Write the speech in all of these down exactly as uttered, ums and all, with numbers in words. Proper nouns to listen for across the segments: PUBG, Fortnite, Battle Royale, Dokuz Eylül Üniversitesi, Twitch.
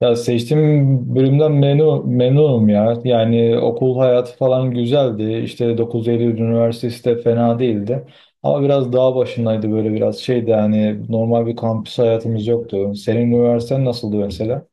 Ya seçtiğim bölümden memnun, memnunum ya. Yani okul hayatı falan güzeldi. İşte dokuz Eylül Üniversitesi de fena değildi. Ama biraz dağ başındaydı böyle biraz şeydi yani normal bir kampüs hayatımız yoktu. Senin üniversiten nasıldı mesela?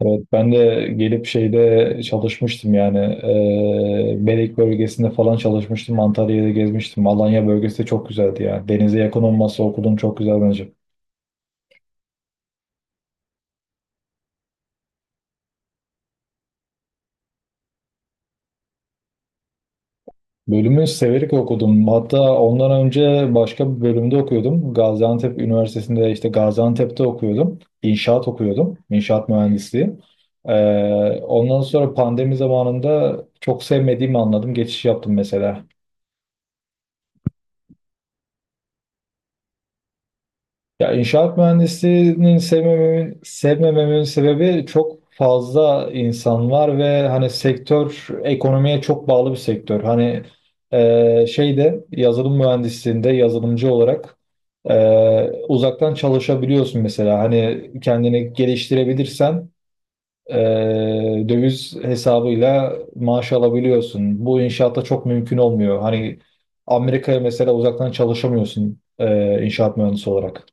Evet, ben de gelip şeyde çalışmıştım yani e, Belek bölgesinde falan çalışmıştım. Antalya'da gezmiştim. Alanya bölgesi de çok güzeldi ya. Denize yakın olması okudum çok güzel bence. Bölümü severek okudum. Hatta ondan önce başka bir bölümde okuyordum. Gaziantep Üniversitesi'nde işte Gaziantep'te okuyordum. İnşaat okuyordum. İnşaat mühendisliği. E, Ondan sonra pandemi zamanında çok sevmediğimi anladım. Geçiş yaptım mesela. Ya inşaat mühendisliğinin sevmememin, sevmememin sebebi çok fazla insan var ve hani sektör ekonomiye çok bağlı bir sektör. Hani e, şeyde yazılım mühendisliğinde yazılımcı olarak e, uzaktan çalışabiliyorsun mesela. Hani kendini geliştirebilirsen e, döviz hesabıyla maaş alabiliyorsun. Bu inşaatta çok mümkün olmuyor. Hani Amerika'ya mesela uzaktan çalışamıyorsun e, inşaat mühendisi olarak.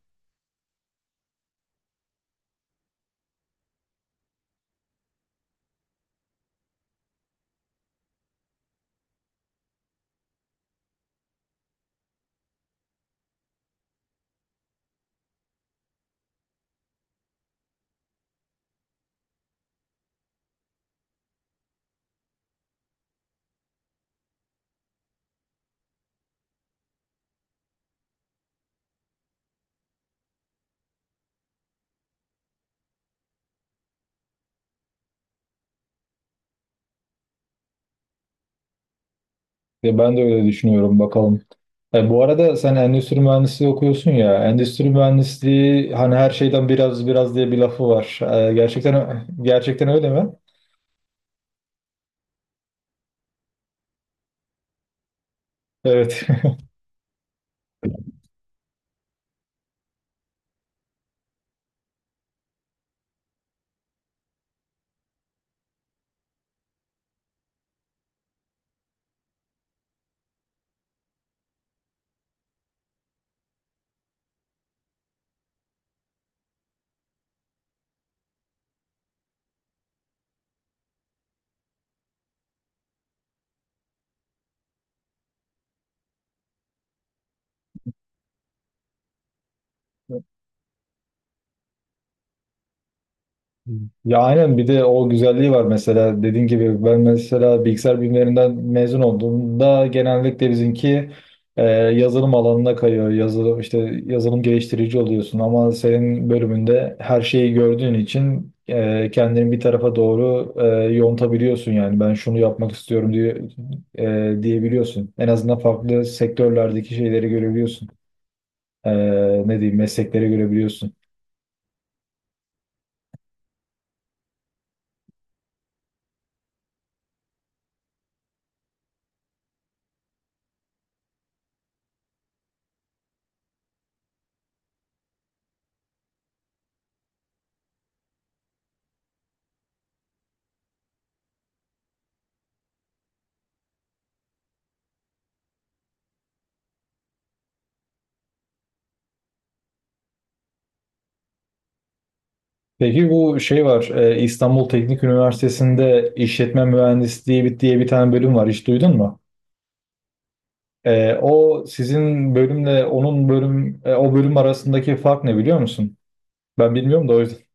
Ya ben de öyle düşünüyorum bakalım. E, bu arada sen endüstri mühendisliği okuyorsun ya. Endüstri mühendisliği hani her şeyden biraz biraz diye bir lafı var. E, gerçekten gerçekten öyle mi? Evet. Ya aynen bir de o güzelliği var mesela dediğin gibi ben mesela bilgisayar bilimlerinden mezun olduğumda genellikle bizimki e, yazılım alanına kayıyor. Yazılım işte yazılım geliştirici oluyorsun ama senin bölümünde her şeyi gördüğün için e, kendini bir tarafa doğru e, yontabiliyorsun yani ben şunu yapmak istiyorum diye e, diyebiliyorsun. En azından farklı sektörlerdeki şeyleri görebiliyorsun. E, Ne diyeyim meslekleri görebiliyorsun. Peki bu şey var, e, İstanbul Teknik Üniversitesi'nde işletme mühendisliği bir- diye bir tane bölüm var. Hiç duydun mu? E, o sizin bölümle onun bölüm e, o bölüm arasındaki fark ne biliyor musun? Ben bilmiyorum da o yüzden.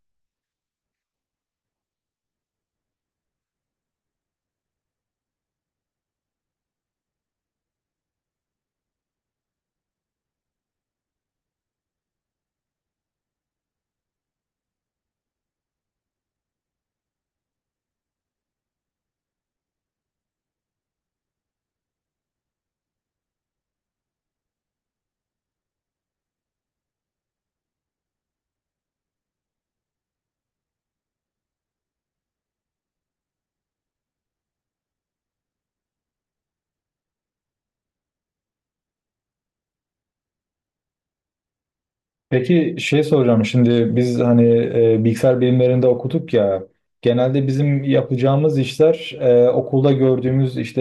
Peki şey soracağım şimdi biz hani e, bilgisayar bilimlerinde okuduk ya genelde bizim yapacağımız işler e, okulda gördüğümüz işte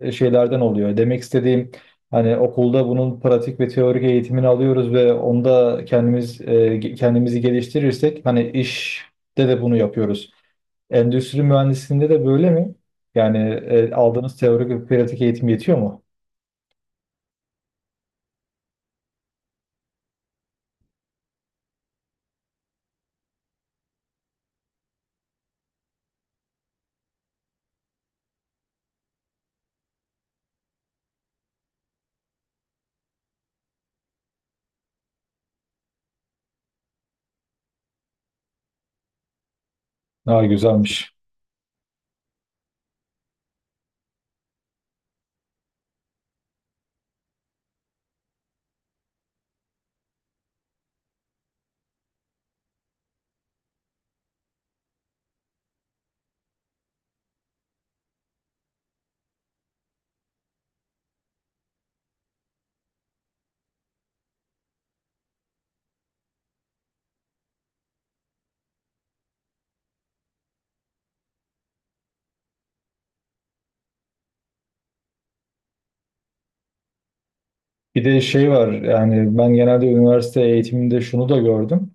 e, şeylerden oluyor. Demek istediğim hani okulda bunun pratik ve teorik eğitimini alıyoruz ve onda kendimiz e, kendimizi geliştirirsek hani işte de bunu yapıyoruz. Endüstri mühendisliğinde de böyle mi? Yani e, aldığınız teorik ve pratik eğitim yetiyor mu? Daha güzelmiş. Bir de şey var yani ben genelde üniversite eğitiminde şunu da gördüm.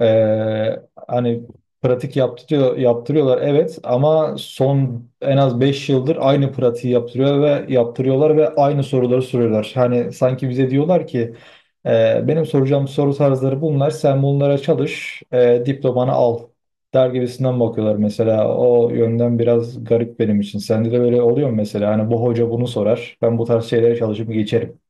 Ee, Hani pratik yaptırıyor, yaptırıyorlar evet ama son en az beş yıldır aynı pratiği yaptırıyor ve yaptırıyorlar ve aynı soruları soruyorlar. Hani sanki bize diyorlar ki "Ee, Benim soracağım soru tarzları bunlar sen bunlara çalış e, diplomanı al der gibisinden bakıyorlar mesela o yönden biraz garip benim için. Sende de böyle oluyor mu mesela hani bu hoca bunu sorar ben bu tarz şeylere çalışıp geçerim.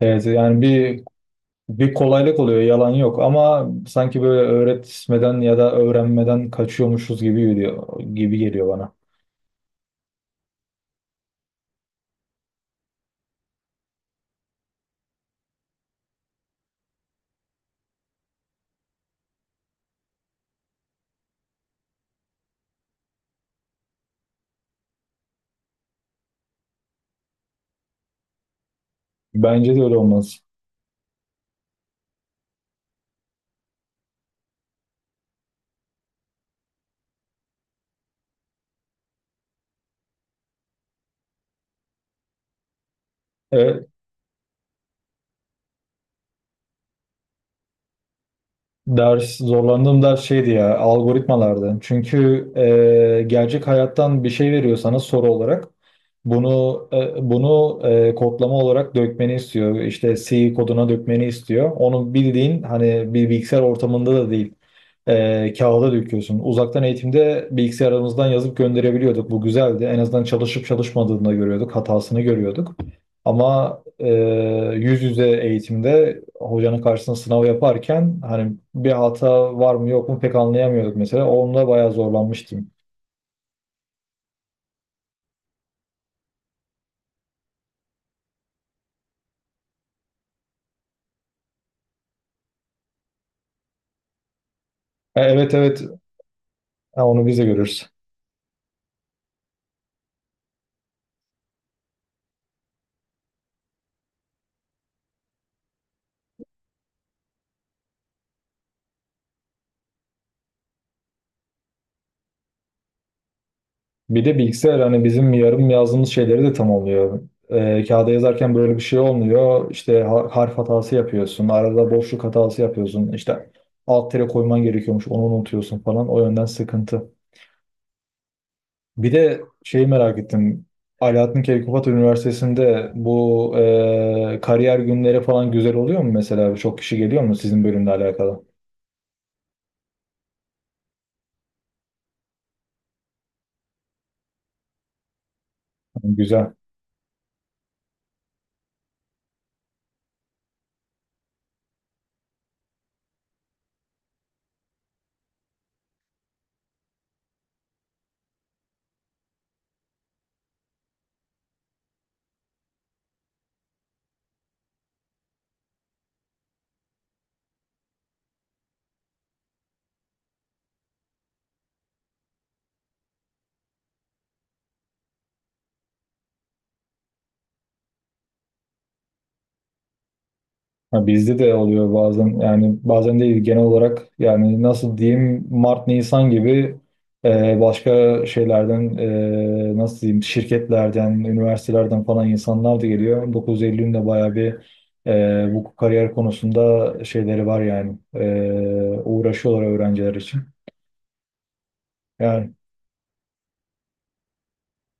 Evet yani bir. Bir kolaylık oluyor, yalan yok ama sanki böyle öğretmeden ya da öğrenmeden kaçıyormuşuz gibi geliyor, gibi geliyor bana. Bence de öyle olmaz. E, Ders zorlandığım ders şeydi ya algoritmalardı. Çünkü e, gerçek hayattan bir şey veriyor sana soru olarak. Bunu e, bunu e, kodlama olarak dökmeni istiyor. İşte C koduna dökmeni istiyor. Onu bildiğin hani bir bilgisayar ortamında da değil. E, kağıda döküyorsun. Uzaktan eğitimde bilgisayarımızdan yazıp gönderebiliyorduk. Bu güzeldi. En azından çalışıp çalışmadığını da görüyorduk. Hatasını görüyorduk. Ama e, yüz yüze eğitimde hocanın karşısında sınav yaparken hani bir hata var mı yok mu pek anlayamıyorduk mesela. Onunla bayağı zorlanmıştım. E, evet, evet. Ha, onu biz de görürüz. Bir de bilgisayar hani bizim yarım yazdığımız şeyleri de tamamlıyor. E, kağıda yazarken böyle bir şey olmuyor. İşte ha- harf hatası yapıyorsun. Arada boşluk hatası yapıyorsun. İşte alt tere koyman gerekiyormuş. Onu unutuyorsun falan. O yönden sıkıntı. Bir de şeyi merak ettim. Alaaddin Keykubat Üniversitesi'nde bu e, kariyer günleri falan güzel oluyor mu mesela? Çok kişi geliyor mu sizin bölümle alakalı? Güzel. Ha, bizde de oluyor bazen yani bazen değil genel olarak yani nasıl diyeyim Mart Nisan gibi e, başka şeylerden e, nasıl diyeyim şirketlerden üniversitelerden falan insanlar da geliyor. dokuz Eylül'ün de bayağı bir e, bu kariyer konusunda şeyleri var yani e, uğraşıyorlar öğrenciler için. Yani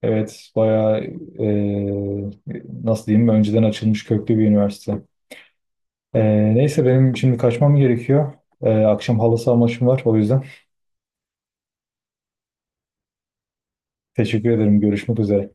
evet bayağı e, nasıl diyeyim önceden açılmış köklü bir üniversite. E, neyse benim şimdi kaçmam gerekiyor. Ee, akşam halı saha maçım var o yüzden. Teşekkür ederim. Görüşmek üzere.